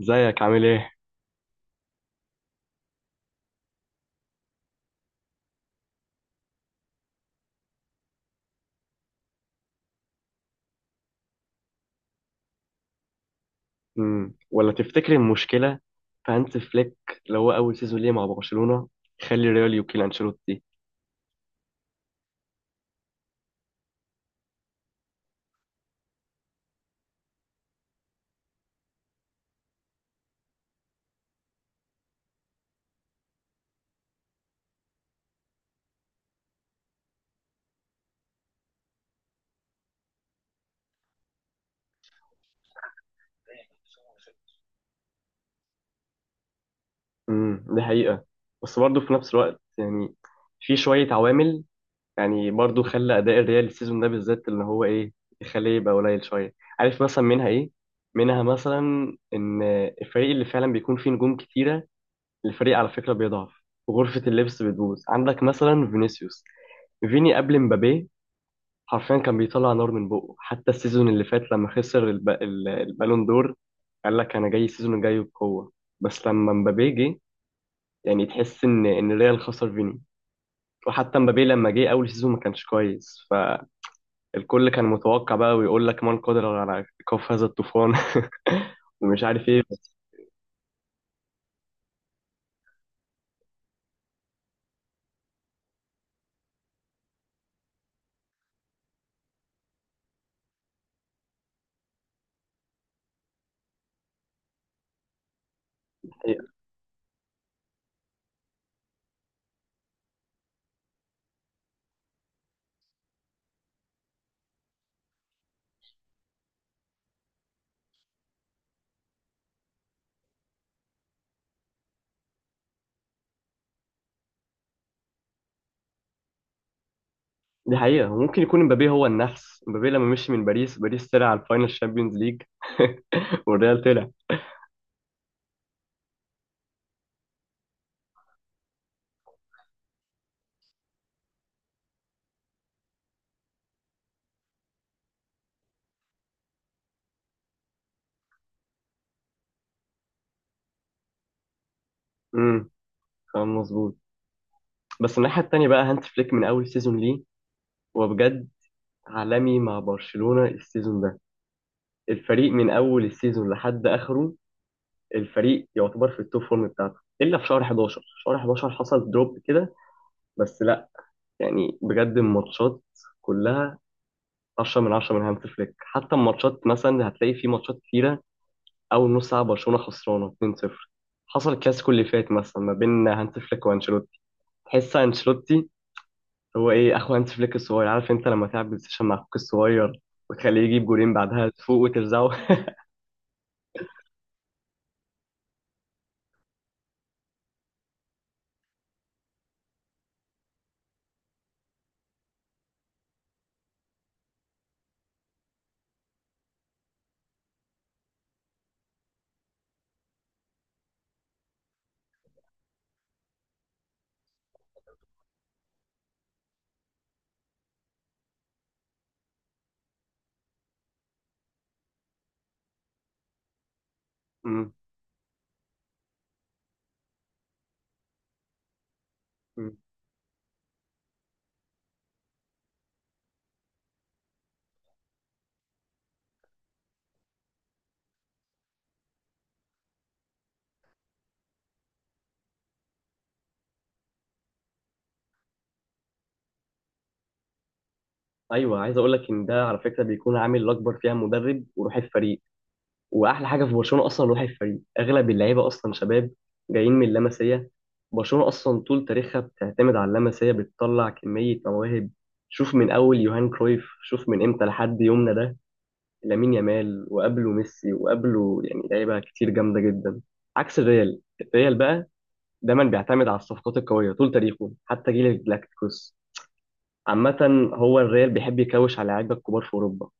ازيك عامل ايه؟ مم. ولا تفتكر المشكلة في هانز فليك اللي هو أول سيزون ليه مع برشلونة يخلي ريال يوكيل أنشيلوتي. دي حقيقة، بس برضه في نفس الوقت يعني في شوية عوامل يعني برضه خلى أداء الريال السيزون ده بالذات اللي هو ايه يخليه يبقى قليل شوية، عارف مثلا منها ايه؟ منها مثلا إن الفريق اللي فعلا بيكون فيه نجوم كتيرة الفريق على فكرة بيضعف، وغرفة اللبس بتبوظ. عندك مثلا فينيسيوس، فيني قبل مبابي حرفيا كان بيطلع نار من بقه، حتى السيزون اللي فات لما خسر البالون دور قال لك انا جاي السيزون الجاي بقوه. بس لما مبابي جه يعني تحس ان ريال خسر فيني، وحتى مبابي لما جه اول سيزون ما كانش كويس. فالكل كان متوقع بقى ويقول لك من قدر على كف هذا الطوفان ومش عارف ايه بس. حقيقة. دي حقيقة، وممكن يكون مبابي هو النفس، مبابي لما مشي من باريس، باريس طلع على الفاينل الشامبيونز ليج والريال طلع. امم كلام مظبوط. بس الناحية التانية بقى هانت فليك من أول سيزون ليه هو بجد عالمي مع برشلونة السيزون ده. الفريق من أول السيزون لحد آخره الفريق يعتبر في التوب فورم بتاعته إلا في شهر 11، شهر 11 حصل دروب كده. بس لا، يعني بجد الماتشات كلها 10 من 10 من هانت فليك، حتى الماتشات مثلا هتلاقي في ماتشات كتيرة أول نص ساعة برشلونة خسرانة 2-0. حصل الكلاسيكو اللي فات مثلا ما بين هانت فليك وانشيلوتي، تحس انشيلوتي هو ايه، اخو هانس فليك الصغير. عارف انت لما تلعب بلاي ستيشن مع اخوك الصغير وتخليه يجيب جولين بعدها تفوق وترزعه أمم، أمم. ايوه عايز اقول لك ان ده على فكره بيكون عامل الاكبر فيها مدرب وروح الفريق، واحلى حاجه في برشلونه اصلا روح الفريق، اغلب اللعيبه اصلا شباب جايين من اللمسيه. برشلونه اصلا طول تاريخها بتعتمد على اللمسيه، بتطلع كميه مواهب. شوف من اول يوهان كرويف، شوف من امتى لحد يومنا ده لامين يامال وقبله ميسي وقبله يعني لعيبه كتير جامده جدا. عكس الريال، الريال بقى دايما بيعتمد على الصفقات القوية طول تاريخه حتى جيل الجلاكتيكوس. عامة هو الريال بيحب يكوش على لعيبة الكبار في أوروبا.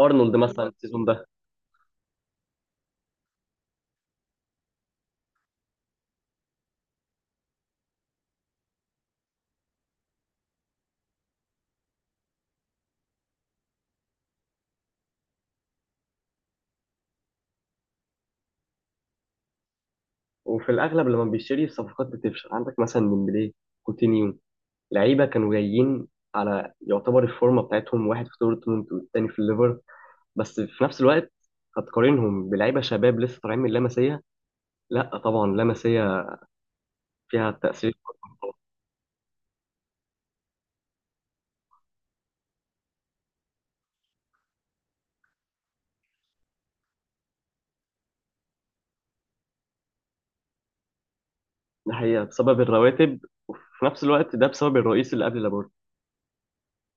أرنولد مثلا السيزون ده. وفي الأغلب لما بيشتري الصفقات بتفشل، عندك مثلا ديمبلي، كوتينيو، لعيبة كانوا جايين على يعتبر الفورمة بتاعتهم، واحد في دورتموند والتاني في الليفر. بس في نفس الوقت هتقارنهم بلعيبة شباب لسه طالعين من لاماسيا. لا طبعا لاماسيا فيها تأثير. ده حقيقة بسبب الرواتب، في نفس الوقت ده بسبب الرئيس اللي قبل لابورتا.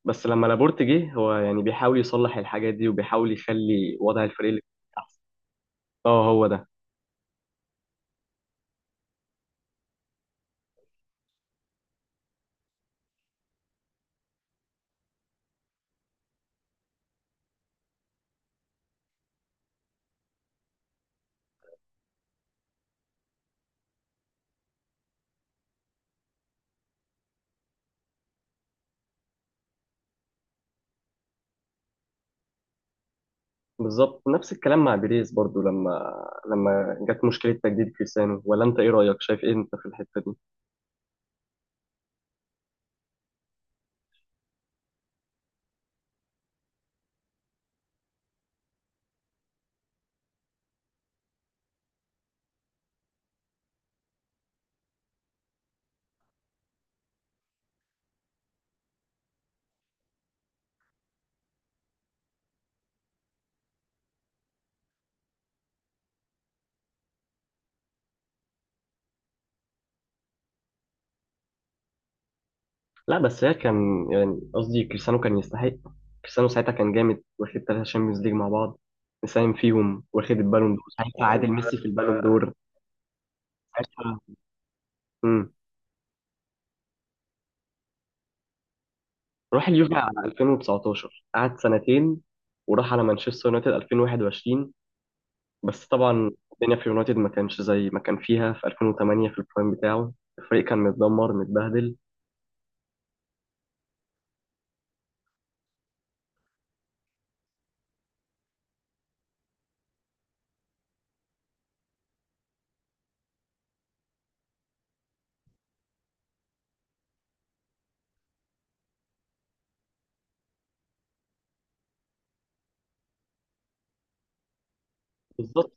بس لما لابورت جه هو يعني بيحاول يصلح الحاجات دي وبيحاول يخلي وضع الفريق اللي احسن. اه هو ده. بالظبط نفس الكلام مع بيريز برضو، لما جت مشكله تجديد كريستيانو. ولا انت ايه رايك، شايف ايه انت في الحته دي؟ لا بس هي كان يعني قصدي كريستيانو كان يستحق. كريستيانو ساعتها كان جامد، واخد ثلاثه شامبيونز ليج مع بعض مساهم فيهم، واخد البالون دور ساعتها عادل ميسي في البالون دور ساعتها. امم راح اليوفي على 2019 قعد سنتين، وراح على مانشستر يونايتد 2021. بس طبعا الدنيا في يونايتد ما كانش زي ما كان فيها في 2008 في البرايم بتاعه. الفريق كان متدمر متبهدل. بالظبط،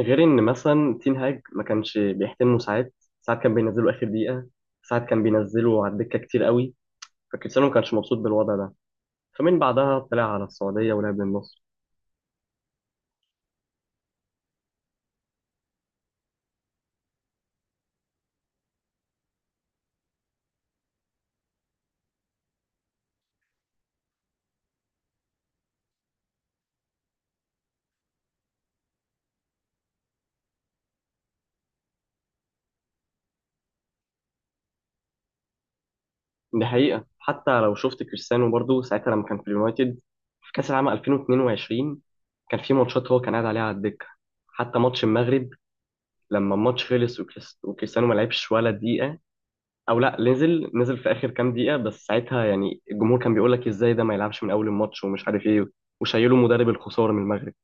غير ان مثلا تين هاج ما كانش بيحترمه ساعات، ساعات كان بينزله اخر دقيقه، ساعات كان بينزله على الدكه كتير قوي. فكريستيانو ما كانش مبسوط بالوضع ده، فمن بعدها طلع على السعوديه ولعب للنصر. دي حقيقه، حتى لو شفت كريستيانو برضو ساعتها لما كان في اليونايتد في كاس العالم 2022 كان في ماتشات هو كان قاعد عليها على الدكه. حتى ماتش المغرب لما الماتش خلص وكريستيانو ما لعبش ولا دقيقة، او لا نزل، نزل في اخر كام دقيقة. بس ساعتها يعني الجمهور كان بيقول لك ازاي ده ما يلعبش من اول الماتش ومش عارف ايه، وشايله مدرب الخسارة من المغرب.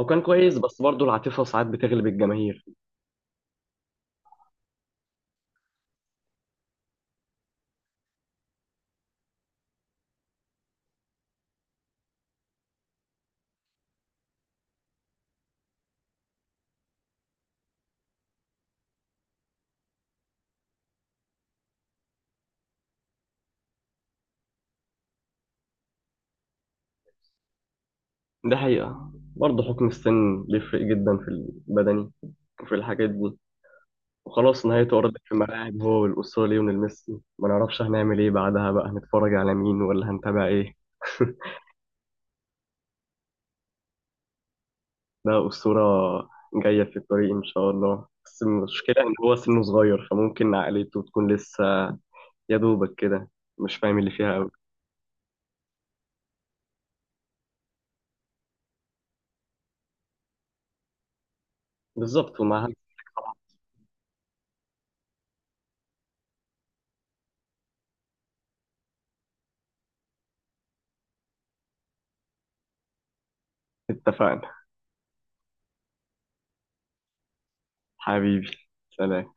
هو كان كويس بس برضه العاطفة ساعات بتغلب الجماهير. ده حقيقة، برضه حكم السن بيفرق جدا في البدني وفي الحاجات دي. وخلاص نهاية أرض في الملاعب هو والأسطورة ليونيل ميسي، ما نعرفش هنعمل ايه بعدها بقى، هنتفرج على مين ولا هنتابع ايه؟ ده أسطورة جاية في الطريق إن شاء الله، بس المشكلة إن هو سنه صغير فممكن عقليته تكون لسه يا دوبك كده مش فاهم اللي فيها أوي. بالظبط ومعاها. اتفقنا. حبيبي، سلام.